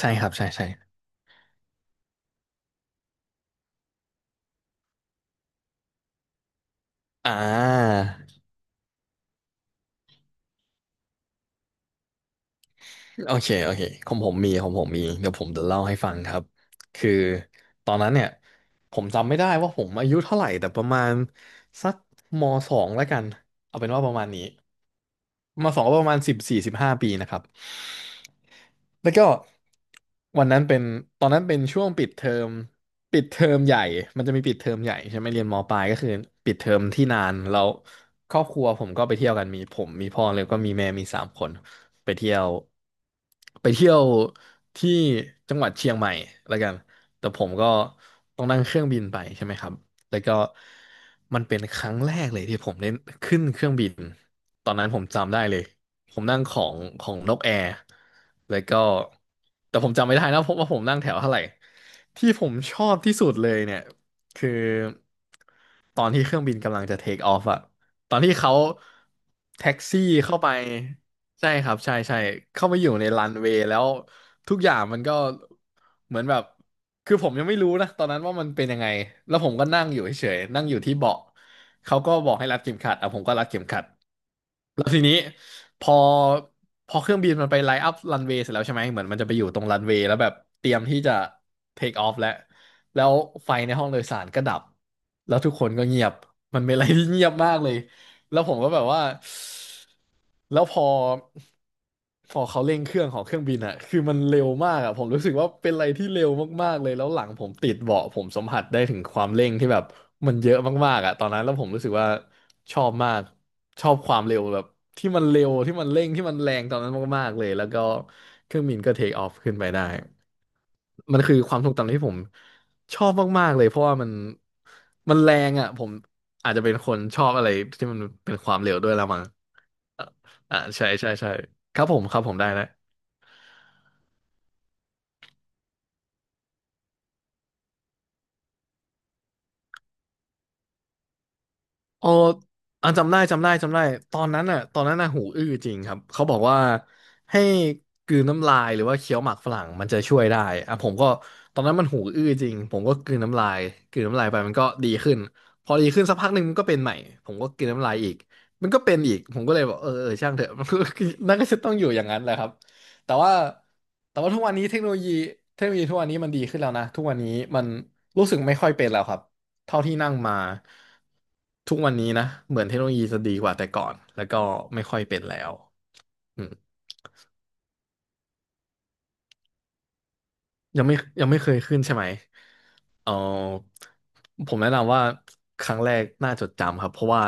ใช่ครับใช่ใช่ อ่าโอเคโอเคของผมมีเดี๋ยวผมจะเล่าให้ฟังครับคือตอนนั้นเนี่ยผมจำไม่ได้ว่าผมอายุเท่าไหร่แต่ประมาณสักมสองแล้วกันเอาเป็นว่าประมาณนี้มสองก็ประมาณ14-15 ปีนะครับ แล้วก็วันนั้นเป็นตอนนั้นเป็นช่วงปิดเทอมปิดเทอมใหญ่มันจะมีปิดเทอมใหญ่ใช่ไหมเรียนมปลายก็คือปิดเทอมที่นานแล้วครอบครัวผมก็ไปเที่ยวกันมีผมมีพ่อแล้วก็มีแม่มีสามคนไปเที่ยวไปเที่ยวที่จังหวัดเชียงใหม่แล้วกันแต่ผมก็ต้องนั่งเครื่องบินไปใช่ไหมครับแล้วก็มันเป็นครั้งแรกเลยที่ผมได้ขึ้นเครื่องบิน ตอนนั้นผมจำได้เลย ผมนั่งของนกแอร์แล้วก็แต่ผมจำไม่ได้นะเพราะว่าผมนั่งแถวเท่าไหร่ที่ผมชอบที่สุดเลยเนี่ยคือตอนที่เครื่องบินกำลังจะเทคออฟอะตอนที่เขาแท็กซี่เข้าไปใช่ครับใช่ใช่เข้าไปอยู่ในรันเวย์แล้วทุกอย่างมันก็เหมือนแบบคือผมยังไม่รู้นะตอนนั้นว่ามันเป็นยังไงแล้วผมก็นั่งอยู่เฉยๆนั่งอยู่ที่เบาะเขาก็บอกให้รัดเข็มขัดอ่ะผมก็รัดเข็มขัด แล้วทีนี้พอพอเครื่องบินมันไปไลน์อัพรันเวย์เสร็จแล้วใช่ไหมเหมือนมันจะไปอยู่ตรงรันเวย์แล้วแบบเตรียมที่จะเทคออฟแล้วไฟในห้องโดยสารก็ดับแล้วทุกคนก็เงียบมันเป็นอะไรที่เงียบมากเลย แล้วผมก็แบบว่า แล้วพอเขาเร่งเครื่องของเครื่องบินอะคือมันเร็วมากอะผมรู้สึกว่าเป็นอะไรที่เร็วมากๆเลยแล้วหลังผมติดเบาะผมสัมผัสได้ถึงความเร่งที่แบบมันเยอะมากๆอะตอนนั้นแล้วผมรู้สึกว่าชอบมากชอบความเร็วแบบที่มันเร็วที่มันเร่งที่มันแรงตอนนั้นมากๆเลยแล้วก็เครื่องบินก็เทคออฟขึ้นไปได้มันคือความทรงจำที่ผม ชอบมากๆเลยเพราะว่ามันแรงอ่ะผมอาจจะเป็นคนชอบอะไรที่มันเป็นความเร็วด้วยละมั้งอ่ะใช่ใช่ใช่ครับผมครับผมได้แล้ว เอออ่ะจำได้จำได้จำได้ตอนนั้นอ่ะตอนนั้นน่ะหูอื้อจริงครับเขาบอกว่าให้กลืนน้ำลายหรือว่าเคี้ยวหมากฝรั่งมันจะช่วยได้อ่ะผมก็ตอนนั้นมันหูอื้อจริงผมก็กลืนน้ำลายกลืนน้ำลายไปมันก็ดีขึ้นพอดีขึ้นสักพักหนึ่งมันก็เป็นใหม่ผมก็กลืนน้ำลายอีกมันก็เป็นอีกผมก็เลยบอกเออเออช่างเถอะ มันก็นั่นก็จะต้องอยู่อย่างนั้นแหละครับแต่ว่าแต่ว่าทุกวันนี้เทคโนโลยีเทคโนโลยีทุกวันนี้มันดีขึ้นแล้วนะทุกวันนี้มันรู้สึกไม่ค่อยเป็นแล้วครับ เท่าที่นั่งมาทุกวันนี้นะเหมือนเทคโนโลยีจะดีกว่าแต่ก่อนแล้วก็ไม่ค่อยเป็นแล้วอืมยังไม่ยังไม่เคยขึ้นใช่ไหม เออผมแนะนำว่าครั้งแรกน่าจดจำครับเพราะว่า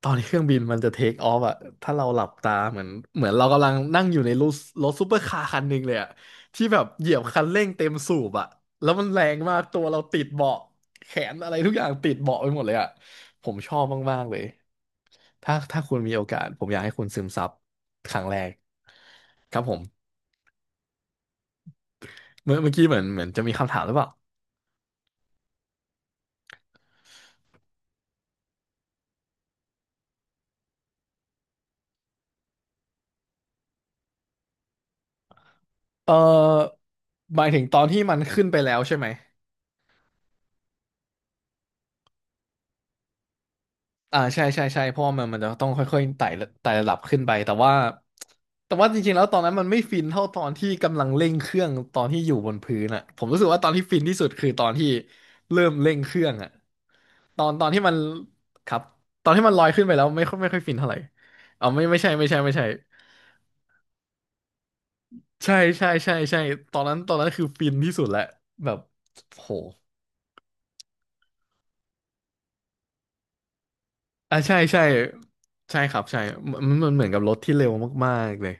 ตอนที่เครื่องบินมันจะเทคออฟอะถ้าเราหลับตาเหมือนเรากำลังนั่งอยู่ในรถรถซูเปอร์คาร์คันหนึ่งเลยอะที่แบบเหยียบคันเร่งเต็มสูบอะแล้วมันแรงมากตัวเราติดเบาะแขนอะไรทุกอย่างติดเบาะไปหมดเลยอะผมชอบมากๆเลยถ้าถ้าคุณมีโอกาสผมอยากให้คุณซึมซับครั้งแรกครับผมเมื่อกี้เหมือนจะมีคำถามหรือเปล่า เออหมายถึงตอนที่มันขึ้นไปแล้วใช่ไหมอ่าใช่ใช่ใช่เพราะว่ามันมันจะต้องค่อยๆไต่ระดับขึ้นไปแต่ว่าแต่ว่าจริงๆแล้วตอนนั้นมันไม่ฟินเท่าตอนที่กำลังเร่งเครื่องตอนที่อยู่บนพื้นอ่ะผมรู้สึกว่าตอนที่ฟินที่สุดคือตอนที่เริ่มเร่งเครื่องอ่ะตอนที่มันครับตอนที่มันลอยขึ้นไปแล้วไม่ค่อยฟินเท่าไหร่อ๋อไม่ใช่ไม่ใช่ไม่ใช่ใช่ใช่ใช่ใช่ตอนนั้นตอนนั้นคือฟินที่สุดแหละแบบโห อ่ะใช่ใช่ใช่ครับใช่มันเหมือนกับรถที่เร็วมากๆเลย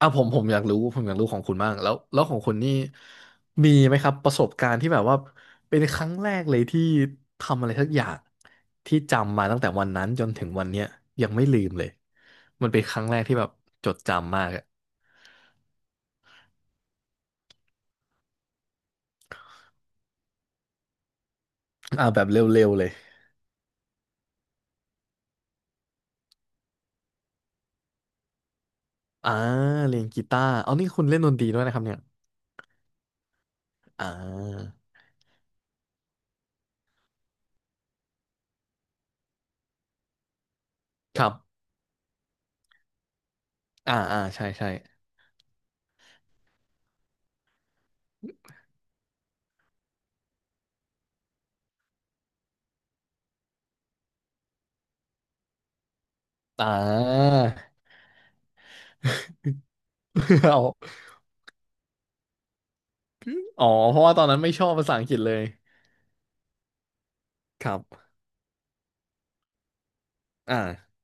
อ่ะผมอยากรู้ผมอยากรู้ของคุณบ้างแล้วของคุณนี่มีไหมครับประสบการณ์ที่แบบว่าเป็นครั้งแรกเลยที่ทำอะไรสักอย่างที่จำมาตั้งแต่วันนั้นจนถึงวันเนี้ยยังไม่ลืมเลยมันเป็นครั้งแรกที่แบบจดจำมากอะอ่ะแบบเร็วๆเลยอ่าเรียนกีตาร์เอานี่คุณเล่นดนตรีด้วยนะครับเนี่ยอ่าครับอ่าอ่าใช่ใช่อ่า เอา อ๋อเพราะว่าตอนนั้นไม่ชอบภาษาอังกฤษเลยครับอ่า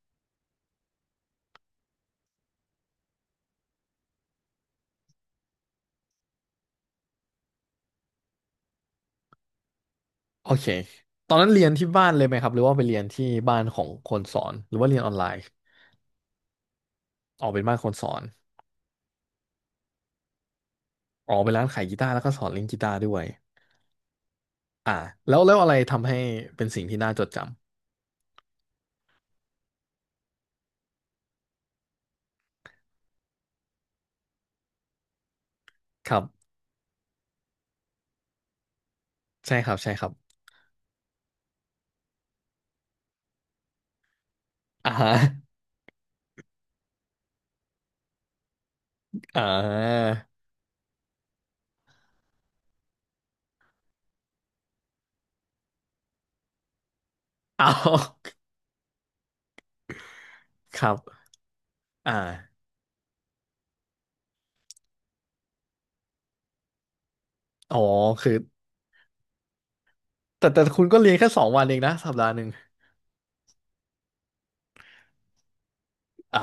โอเคตอนนั้นเรียนที่บ้านเลยไหมครับหรือว่าไปเรียนที่บ้านของคนสอนหรือว่าเรียนออนไลน์ออกเป็นบ้านคนสอนออกเป็นร้านขายกีตาร์แล้วก็สอนเล่นกีตาร์ด้วยอ่าแล้วอะไรทำให้เป็นสิ่งที่น่าจดจำครับใช่ครับใช่ครับอ่าฮะ อ่าเอา ครับอ่าอ๋อคือแต่คุณก็เรียนแค่สองวันเองนะสัปดาห์หนึ่งอ่า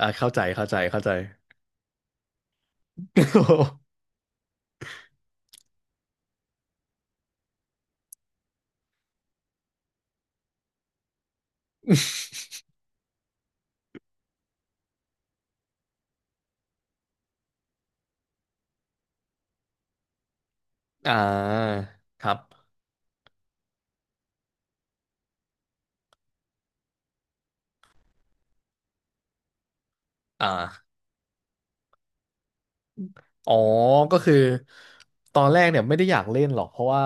อ่าเข้าใจเข้าใจ อ่าครับอ่า อ๋อก็คือตอนแรกเนี่ยไม่ได้อยากเล่นหรอกเพราะว่า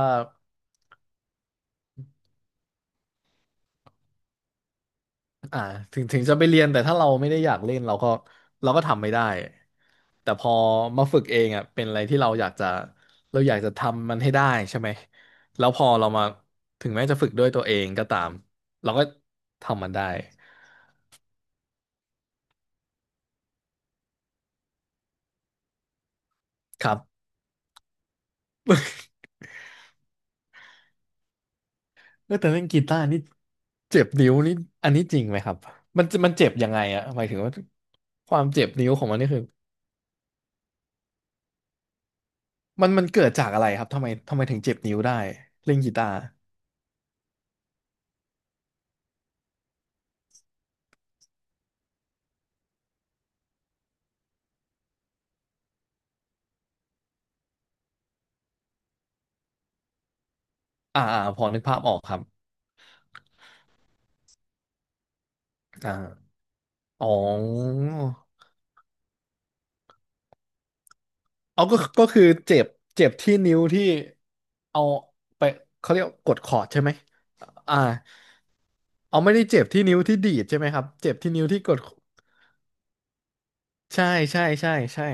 อ่าถึงจะไปเรียนแต่ถ้าเราไม่ได้อยากเล่นเราก็ทำไม่ได้แต่พอมาฝึกเองอ่ะเป็นอะไรที่เราอยากจะเราอยากจะทำมันให้ได้ใช่ไหมแล้วพอเรามาถึงแม้จะฝึกด้วยตัวเองก็ตามเราก็ทำมันได้ครับเออแต่เล่นกีตาร์นี่เจ็บนิ้วนี่อันนี้จริงไหมครับมันจะมันเจ็บยังไงอ่ะหมายถึงว่าความเจ็บนิ้วของมันนี่คือ มันเกิดจากอะไรครับทำไมถึงเจ็บนิ้วได้เล่นกีตาร์อ่าอ่าพอนึกภาพออกครับอ่าอ๋อเอาก็คือเจ็บเจ็บที่นิ้วที่เอาไปเขาเรียกกดคอร์ดใช่ไหมอ่าเอาไม่ได้เจ็บที่นิ้วที่ดีดใช่ไหมครับเจ็บที่นิ้วที่กดใช่ใช่ใช่ใช่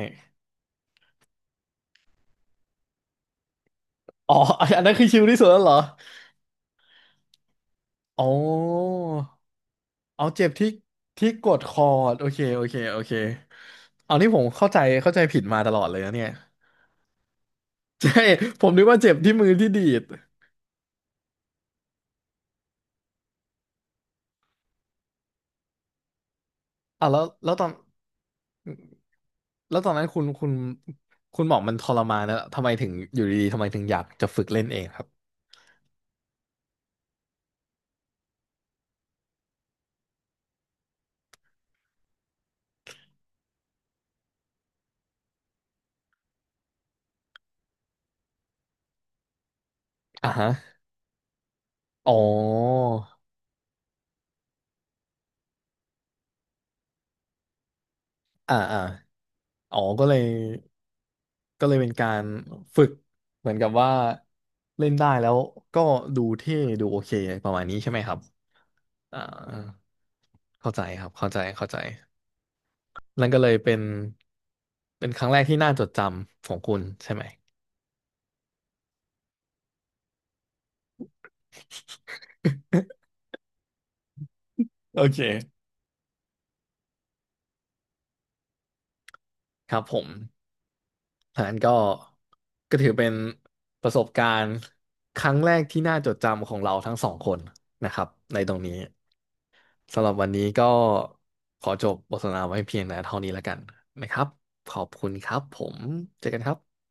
อ๋ออันนั้นคือชิลที่สุดแล้วเหรออ๋อเอาเจ็บที่ที่กดคอร์ดโอเคโอเคโอเคเอานี่ผมเข้าใจผิดมาตลอดเลยนะเนี่ย ใช่ผมนึกว่าเจ็บที่มือที่ดีดอ่ะแล้วตอนนั้นคุณบอกมันทรมานนะทำไมถึงอยู่ดีๆทำไมถึงอยากจะฝึกเล่นเองครับอ่าฮะอ๋ออ่าอ่าอ๋อก็เลยเป็นการฝึกเหมือนกับว่าเล่นได้แล้วก็ดูเท่ดูโอเคประมาณนี้ใช่ไหมครับอ่าเข้าใจครับเข้าใจนั่นก็เลยเป็นเป็นครั้งแรกที่น่าจดจำของคุณใช่ไหมโอเค ครับผมอันนั้นก็ก็ถือเป็นประสบการณ์ครั้งแรกที่น่าจดจำของเราทั้งสองคนนะครับในตรงนี้ สำหรับวันนี้ก็ขอจบบทสนทนาไว้เพียงแต่เท่านี้แล้วกันนะครับขอบคุณครับผมเจอกันครับ